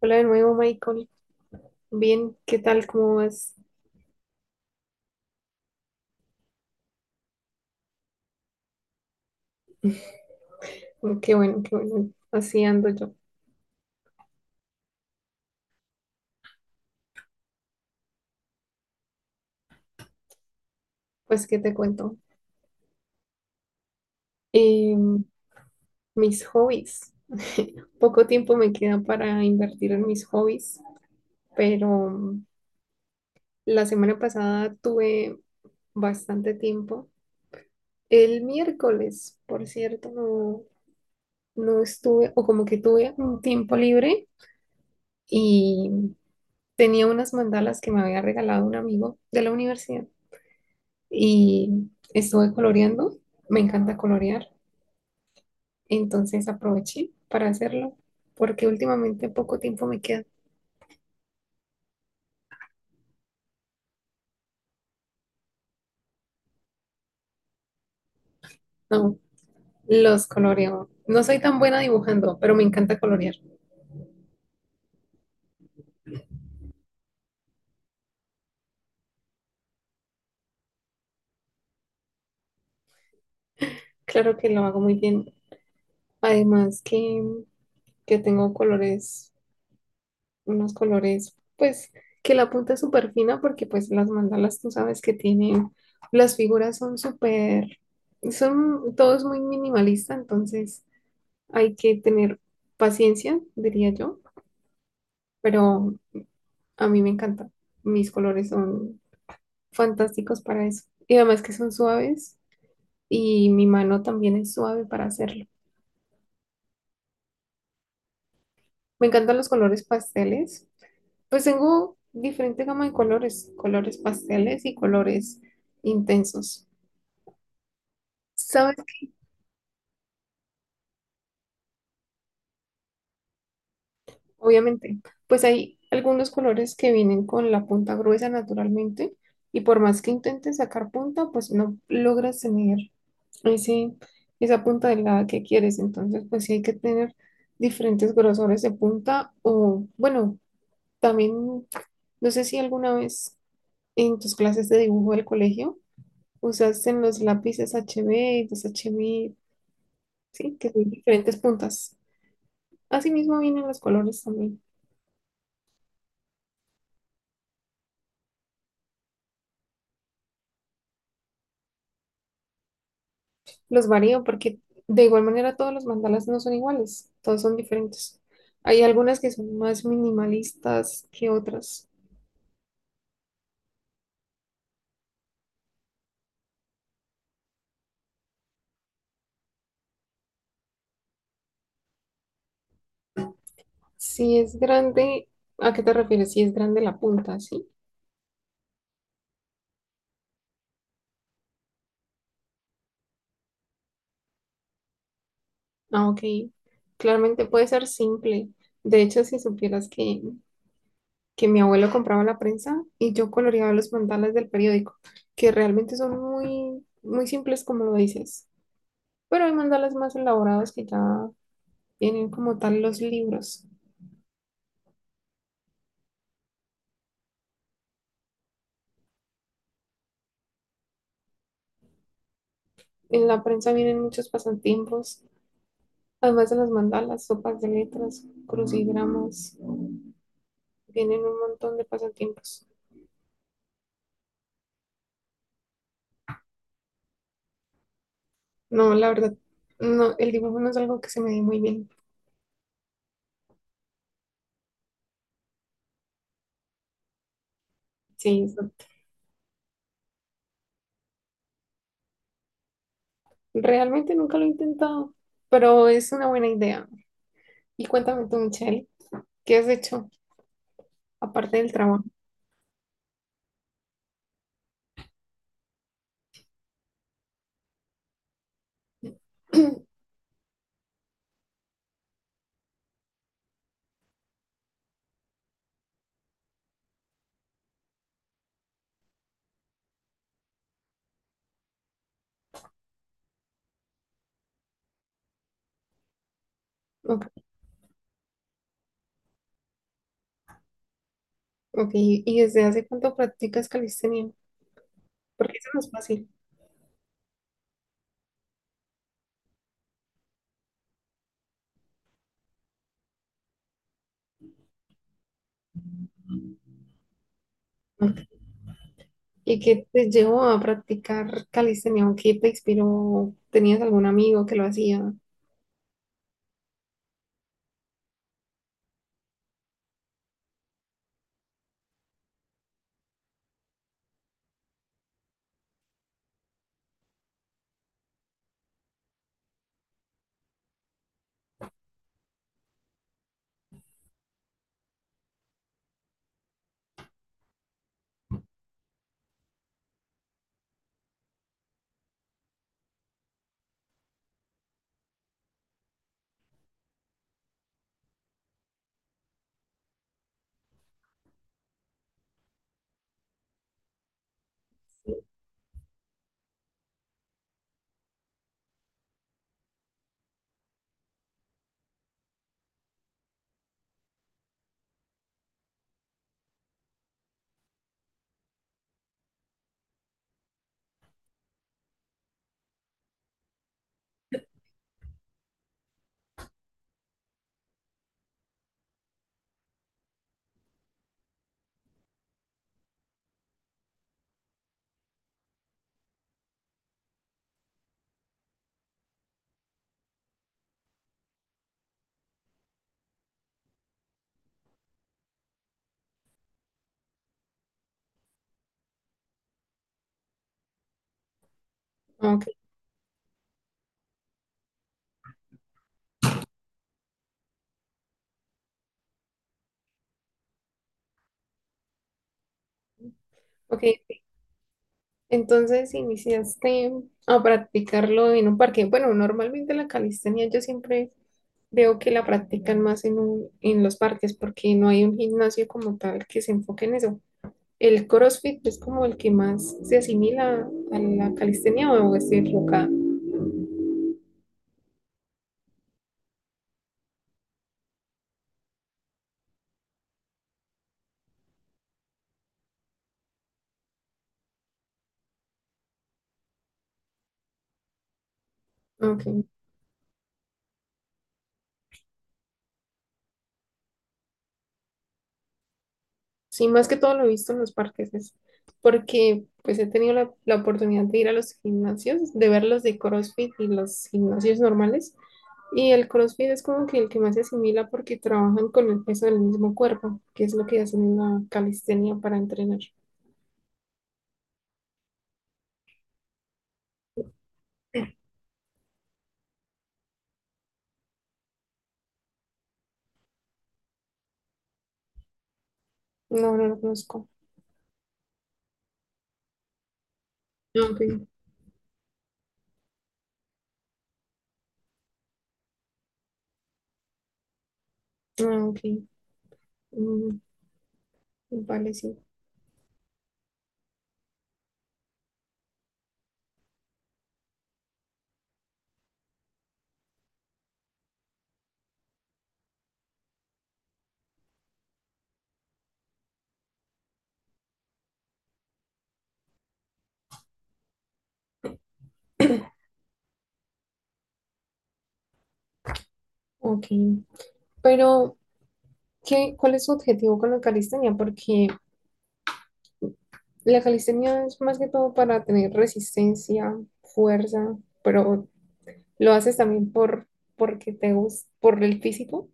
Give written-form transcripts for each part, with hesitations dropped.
Hola de nuevo, Michael. Bien, ¿qué tal? ¿Cómo vas? Qué bueno, qué bueno. Así ando yo. Pues, ¿qué te cuento? Em, mis hobbies. Poco tiempo me queda para invertir en mis hobbies, pero la semana pasada tuve bastante tiempo. El miércoles, por cierto, no, no estuve, o como que tuve un tiempo libre y tenía unas mandalas que me había regalado un amigo de la universidad. Y estuve coloreando. Me encanta colorear, entonces aproveché para hacerlo porque últimamente poco tiempo me queda. No, los coloreo. No soy tan buena dibujando, pero me encanta colorear. Claro que lo hago muy bien. Además que tengo colores, unos colores, pues que la punta es súper fina porque pues las mandalas tú sabes que tienen, las figuras son súper, son, todo es muy minimalista, entonces hay que tener paciencia, diría yo, pero a mí me encanta. Mis colores son fantásticos para eso. Y además que son suaves y mi mano también es suave para hacerlo. Me encantan los colores pasteles. Pues tengo diferente gama de colores, colores pasteles y colores intensos. ¿Sabes? Obviamente, pues hay algunos colores que vienen con la punta gruesa naturalmente y por más que intentes sacar punta, pues no logras tener ese, esa punta delgada que quieres. Entonces, pues sí hay que tener diferentes grosores de punta o, bueno, también, no sé si alguna vez en tus clases de dibujo del colegio usaste los lápices HB, los HB, sí, que son diferentes puntas. Asimismo vienen los colores también. Los varío porque de igual manera todos los mandalas no son iguales, todos son diferentes. Hay algunas que son más minimalistas que otras. Si es grande, ¿a qué te refieres? Si es grande la punta, ¿sí? Ah, ok. Claramente puede ser simple. De hecho, si supieras que mi abuelo compraba la prensa y yo coloreaba los mandalas del periódico, que realmente son muy, muy simples como lo dices. Pero hay mandalas más elaborados que ya vienen como tal los libros. En la prensa vienen muchos pasatiempos, además de las mandalas, sopas de letras, crucigramas, vienen un montón de pasatiempos. No, la verdad, no, el dibujo no es algo que se me dé muy bien. Sí, eso. Realmente nunca lo he intentado, pero es una buena idea. Y cuéntame tú, Michelle, ¿qué has hecho aparte del trabajo? Ok, ok. ¿Y desde hace cuánto practicas calistenia? Porque eso no es fácil. ¿Y qué te llevó a practicar calistenia? ¿O qué te inspiró? ¿Tenías algún amigo que lo hacía? Ok, ok. Entonces iniciaste a practicarlo en un parque. Bueno, normalmente la calistenia yo siempre veo que la practican más en un- en los parques porque no hay un gimnasio como tal que se enfoque en eso. ¿El CrossFit es como el que más se asimila a la calistenia o es equivocada? Ok. Sí, más que todo lo he visto en los parques, es porque pues he tenido la, la oportunidad de ir a los gimnasios, de ver los de CrossFit y los gimnasios normales. Y el CrossFit es como que el que más se asimila porque trabajan con el peso del mismo cuerpo, que es lo que hacen en la calistenia para entrenar. No, no lo conozco. Ah, ok, ah, ok. Mm, vale, sí. Ok. Pero, ¿qué, cuál es su objetivo con la calistenia? Porque la calistenia es más que todo para tener resistencia, fuerza, pero lo haces también por porque te gusta, por el físico.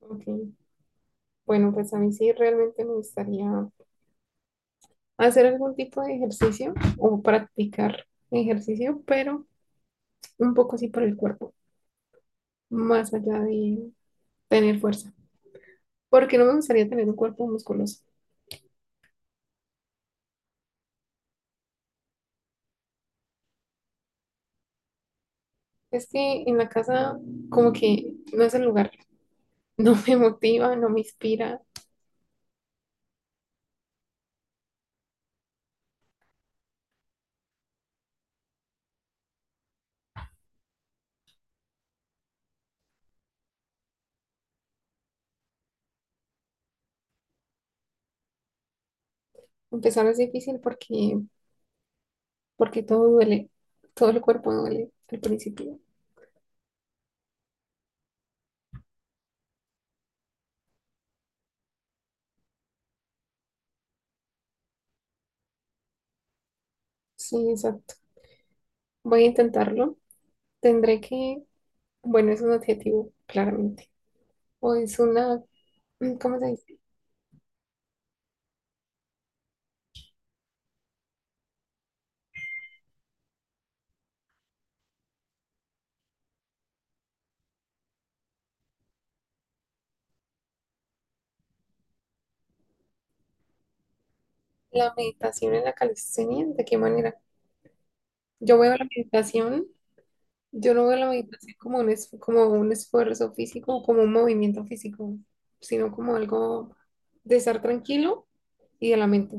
Ok. Bueno, pues a mí sí realmente me gustaría hacer algún tipo de ejercicio o practicar ejercicio, pero un poco así por el cuerpo, más allá de tener fuerza, porque no me gustaría tener un cuerpo musculoso. Es que en la casa como que no es el lugar, no me motiva, no me inspira. Empezar es difícil porque porque todo duele, todo el cuerpo duele al principio. Sí, exacto. Voy a intentarlo. Tendré que, bueno, es un adjetivo, claramente. O es una, ¿cómo se dice? La meditación en la calistenia, ¿de qué manera? Yo veo la meditación, yo no veo la meditación como un, es- como un esfuerzo físico, o como un movimiento físico, sino como algo de estar tranquilo y de la mente,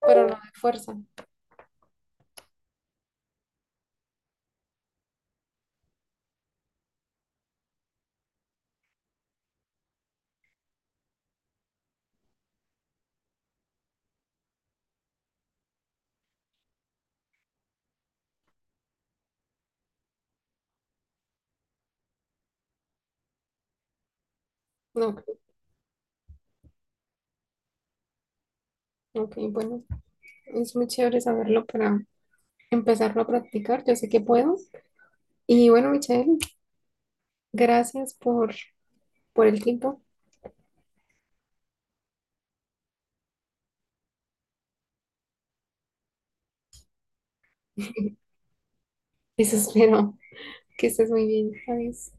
pero no de fuerza. No, ok, ok, bueno, es muy chévere saberlo para empezarlo a practicar. Yo sé que puedo. Y bueno, Michelle, gracias por el tiempo. Eso espero que estés muy bien. Adiós.